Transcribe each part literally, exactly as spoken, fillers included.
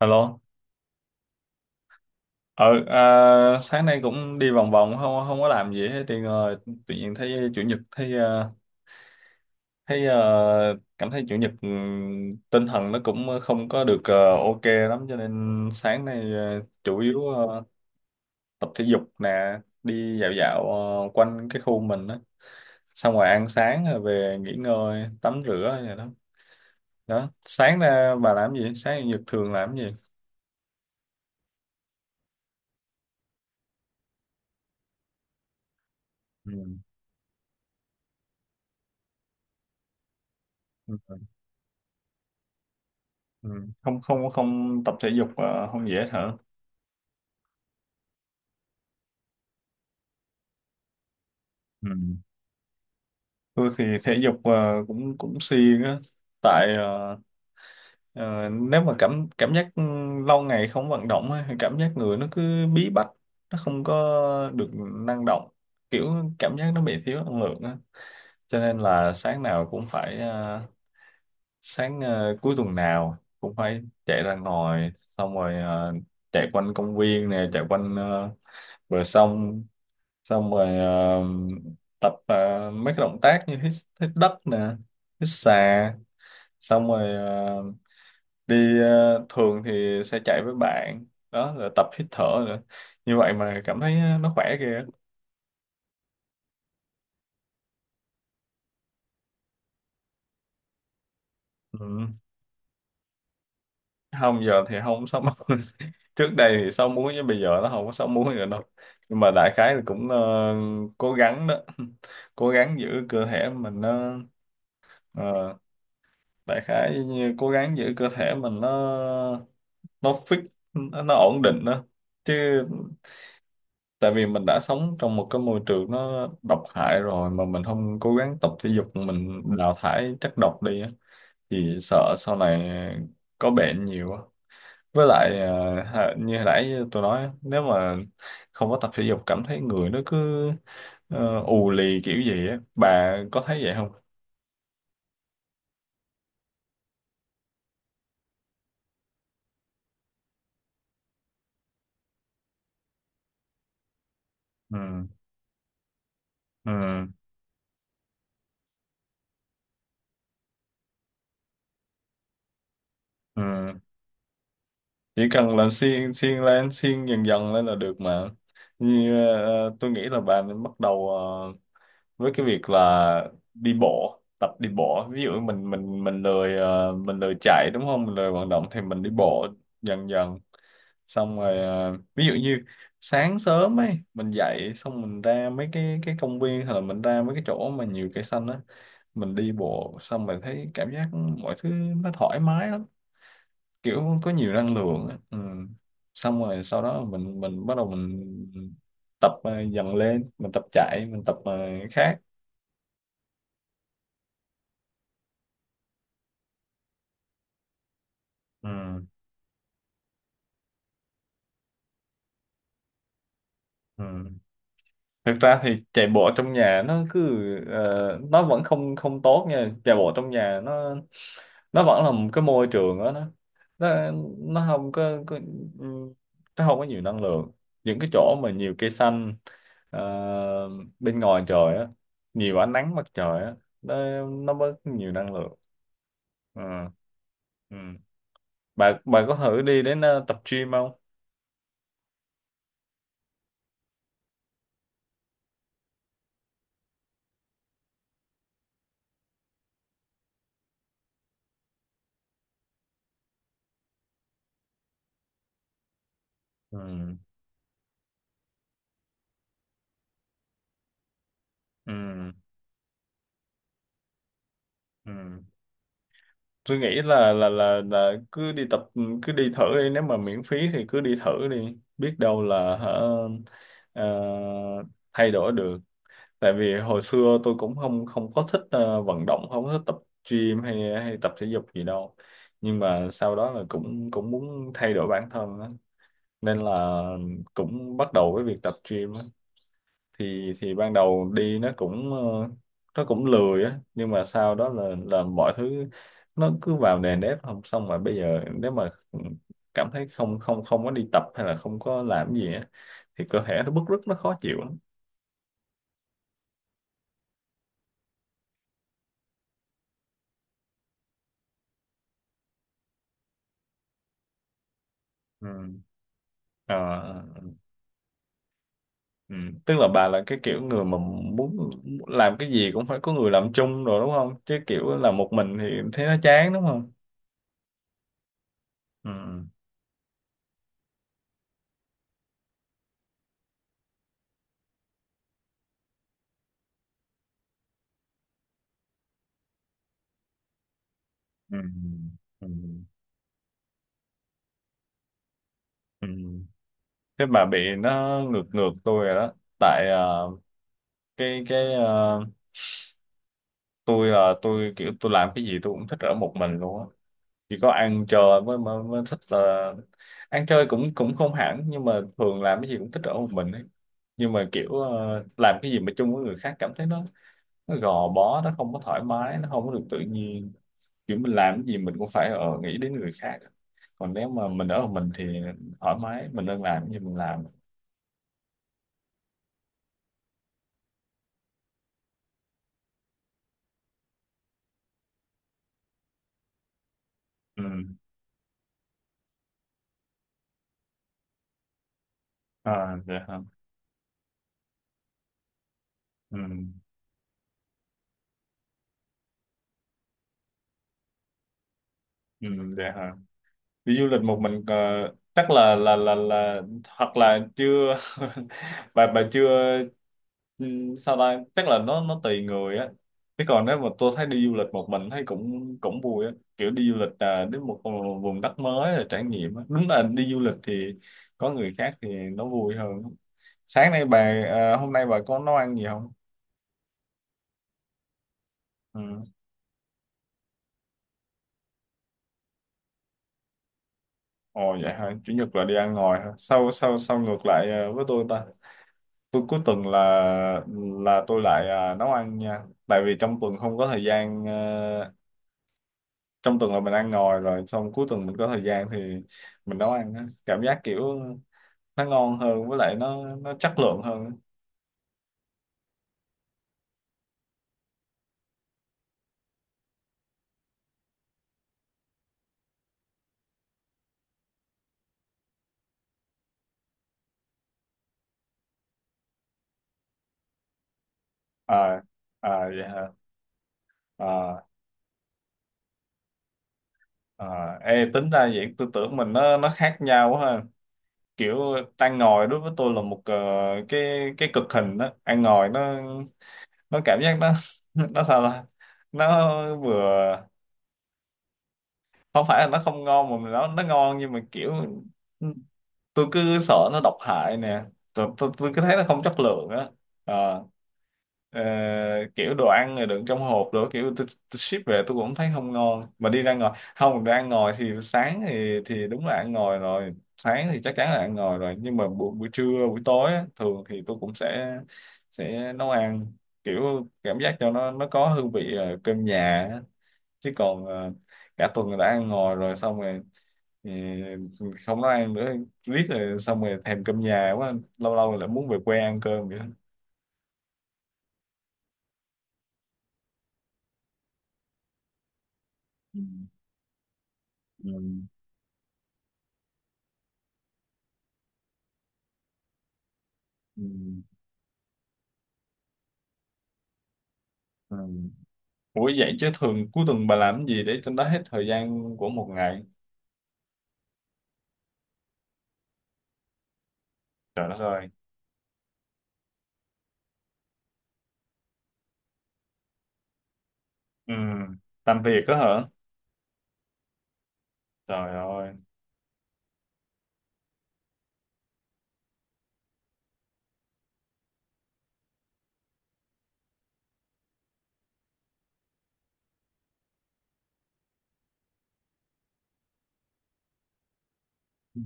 Alo. Ờ à, sáng nay cũng đi vòng vòng không không có làm gì hết thì ngồi tự nhiên thấy chủ nhật thấy ờ, thấy ờ, cảm thấy chủ nhật ừm, tinh thần nó cũng không có được ờ, ok lắm cho nên sáng nay ờ, chủ yếu ờ, tập thể dục nè, đi dạo dạo ờ, quanh cái khu mình đó. Xong rồi ăn sáng rồi về nghỉ ngơi, tắm rửa rồi đó. Đó, sáng ra bà làm gì? Sáng chủ nhật thường làm gì? Ừ. Ừ. không không không tập thể dục, ờ, không dễ hả? Ừ. Tôi thì thể dục ờ, cũng cũng siêng á. Tại ờ, ờ, nếu mà cảm cảm giác lâu ngày không vận động á, thì cảm giác người nó cứ bí bách, nó không có được năng động, kiểu cảm giác nó bị thiếu năng lượng á, cho nên là sáng nào cũng phải ờ, sáng ờ, cuối tuần nào cũng phải chạy ra ngoài, xong rồi ờ, chạy quanh công viên nè, chạy quanh ờ, bờ sông, xong rồi ờ, tập ờ, mấy cái động tác như hít, hít đất nè, hít xà, xong rồi ờ, đi ờ, thường thì sẽ chạy với bạn đó, rồi tập hít thở nữa, như vậy mà cảm thấy ờ, nó khỏe kìa. Ừ. Không, giờ thì không sáu múi. Trước đây thì sáu múi chứ bây giờ nó không có sáu múi nữa đâu, nhưng mà đại khái là cũng ờ, cố gắng đó. Cố gắng giữ cơ thể mình nó ờ, đại khái như cố gắng giữ cơ thể mình nó nó fix, nó, nó ổn định đó chứ. Tại vì mình đã sống trong một cái môi trường nó độc hại rồi mà mình không cố gắng tập thể dục, mình đào thải chất độc đi á, thì sợ sau này có bệnh nhiều á. Với lại à, hà- như hồi nãy tôi nói á, nếu mà không có tập thể dục cảm thấy người nó cứ ờ, ù lì kiểu gì á, bà có thấy vậy không? Ừ ừ ừ Chỉ cần là xiên xiên lên, xiên dần dần lên là được mà. Như ờ, tôi nghĩ là bạn nên bắt đầu ờ, với cái việc là đi bộ, tập đi bộ, ví dụ mình mình mình lười ờ, mình lười chạy đúng không, mình lười vận động thì mình đi bộ dần dần, xong rồi ờ, ví dụ như sáng sớm ấy mình dậy xong mình ra mấy cái cái công viên hay là mình ra mấy cái chỗ mà nhiều cây xanh á, mình đi bộ xong mình thấy cảm giác mọi thứ nó thoải mái lắm, kiểu có nhiều năng lượng á. Ừ. Xong rồi sau đó mình mình bắt đầu mình tập ờ, dần lên, mình tập chạy, mình tập ờ, khác. Ừ. Ừ. Thực ra thì chạy bộ trong nhà nó cứ ờ, nó vẫn không không tốt nha, chạy bộ trong nhà nó nó vẫn là một cái môi trường đó, nó nó, nó không có, có ừ, nó không có nhiều năng lượng, những cái chỗ mà nhiều cây xanh ờ, bên ngoài trời á, nhiều ánh nắng mặt trời á, nó nó bớt nhiều năng lượng. Ừ, ừ. Bà bà có thử đi đến ờ, tập gym không? Ừ, ừ, ừ. Tôi nghĩ là là là là cứ đi tập, ừ, cứ đi thử đi, nếu mà miễn phí thì cứ đi thử đi, biết đâu là hả ờ, thay đổi được. Tại vì hồi xưa tôi cũng không không có thích ờ, vận động, không có thích tập gym hay hay tập thể dục gì đâu, nhưng mà sau đó là cũng cũng muốn thay đổi bản thân á, nên là cũng bắt đầu với việc tập gym á. Thì thì ban đầu đi nó cũng ờ, nó cũng lười á, nhưng mà sau đó là là mọi thứ nó cứ vào nề nếp, không xong mà bây giờ nếu mà ừ, cảm thấy không không không có đi tập hay là không có làm gì á thì cơ thể nó bứt rứt, nó khó chịu lắm. Ừ. Ờ, ừ. Tức là bà là cái kiểu người mà muốn làm cái gì cũng phải có người làm chung rồi đúng không, chứ kiểu làm một mình thì thấy nó chán đúng không? Ừ. Ừ. Ừ. Ừ. Thế bà bị nó ngược ngược tôi rồi đó. Tại ờ, cái cái ờ, tôi là tôi kiểu tôi làm cái gì tôi cũng thích ở một mình luôn á, chỉ có ăn chơi mới, mới mới thích là, ăn chơi cũng cũng không hẳn, nhưng mà thường làm cái gì cũng thích ở một mình ấy, nhưng mà kiểu ờ, làm cái gì mà chung với người khác cảm thấy nó, nó gò bó, nó không có thoải mái, nó không có được tự nhiên, kiểu mình làm cái gì mình cũng phải ở nghĩ đến người khác, còn nếu mà mình ở một mình thì thoải mái mình, nên làm cái gì mình làm. Ừ. À, dạ. Ừ, ừ. Dạ hả? Đi du lịch một mình ờ, chắc là là là là hoặc là chưa. bà bà chưa ừ, sao ta, chắc là nó nó tùy người á, chứ còn nếu mà tôi thấy đi du lịch một mình thấy cũng cũng vui á, kiểu đi du lịch à, đến một vùng đất mới là trải nghiệm á. Đúng là đi du lịch thì có người khác thì nó vui hơn. Sáng nay bà à, Hôm nay bà có nấu ăn gì không? Ừ. Ồ vậy hả, chủ nhật là đi ăn ngoài hả, sao sao sao ngược lại à, với tôi ta. Tôi cuối tuần là là tôi lại à, nấu ăn nha, tại vì trong tuần không có thời gian ờ, trong tuần là mình ăn ngoài rồi, xong cuối tuần mình có thời gian thì mình nấu ăn á. Cảm giác kiểu nó ngon hơn, với lại nó nó chất lượng hơn. À, à vậy hả? À, à ê, tính ra vậy tôi tưởng mình nó nó khác nhau quá ha. Kiểu ăn ngồi đối với tôi là một ờ, cái cái cực hình đó, ăn ngồi nó, nó cảm giác nó nó sao ta, nó vừa không phải là nó không ngon, mà nó nó ngon nhưng mà kiểu tôi cứ sợ nó độc hại nè, tôi, tôi, tôi cứ thấy nó không chất lượng á. Ờ, ờ, kiểu đồ ăn rồi đựng trong hộp đồ kiểu tôi, tôi ship về tôi cũng thấy không ngon, mà đi ra ngoài không, đồ ăn ngoài thì sáng thì thì đúng là ăn ngoài rồi, sáng thì chắc chắn là ăn ngoài rồi, nhưng mà buổi, buổi trưa, buổi tối á, thường thì tôi cũng sẽ sẽ nấu ăn, kiểu cảm giác cho nó nó có hương vị ờ, cơm nhà á. Chứ còn ờ, cả tuần đã ăn ngoài rồi, xong rồi thì không nói ăn nữa, riết rồi xong rồi thèm cơm nhà quá, lâu lâu lại muốn về quê ăn cơm vậy đó. Ừ. Ừ. Ừ. Ừ. Ủa vậy chứ thường cuối tuần bà làm gì để cho nó hết thời gian của một ngày? Trời đất ơi. Ừ. Làm việc đó hả? Trời ơi. Ừ.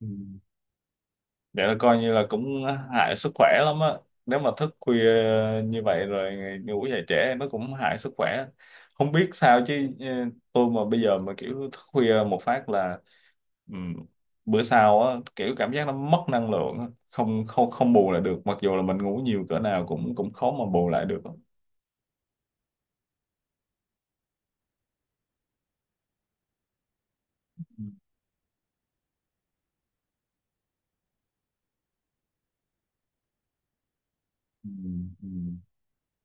Ừ. Vậy là coi như là cũng hại sức khỏe lắm á. Nếu mà thức khuya như vậy rồi ngủ dậy trễ nó cũng hại sức khỏe. Không biết sao chứ ờ, tôi mà bây giờ mà kiểu thức khuya một phát là ừm, bữa sau á kiểu cảm giác nó mất năng lượng á. không không không bù lại được. Mặc dù là mình ngủ nhiều cỡ nào cũng cũng khó mà bù lại được. Ừ, ừ, ừ.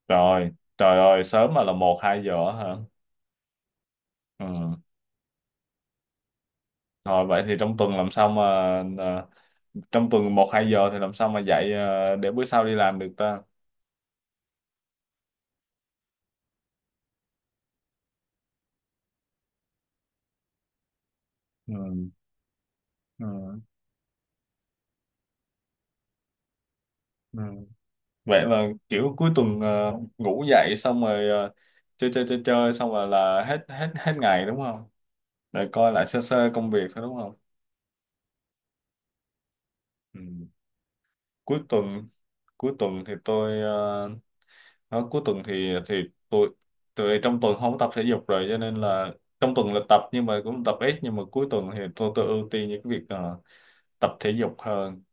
Rồi, trời ơi, sớm mà là một hai giờ hả? Ừ. Rồi vậy thì trong tuần làm sao mà à, trong tuần một hai giờ thì làm sao mà dạy ờ, để bữa sau đi làm được ta? Ừ. Ừ. Ừ. Vậy là kiểu cuối tuần ờ, ngủ dậy xong rồi ờ, chơi chơi chơi chơi xong rồi là hết hết hết ngày đúng không, để coi lại sơ sơ công việc thôi đúng không? Ừ. cuối tuần cuối tuần thì tôi ờ, đó, cuối tuần thì thì tôi, tôi trong tuần không có tập thể dục rồi, cho nên là trong tuần là tập nhưng mà cũng tập ít, nhưng mà cuối tuần thì tôi tôi ưu tiên những cái việc ờ, tập thể dục hơn,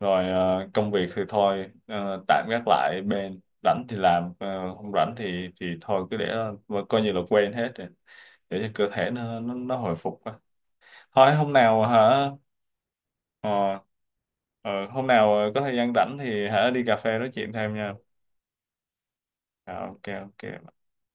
rồi ờ, công việc thì thôi ờ, tạm gác lại bên, rảnh thì làm ờ, không rảnh thì thì thôi cứ để, mà coi như là quên hết rồi, để cho cơ thể nó nó, nó hồi phục á. Thôi hôm nào hả ờ, ờ, hôm nào có thời gian rảnh thì hả đi cà phê nói chuyện thêm nha. Ờ, ok ok.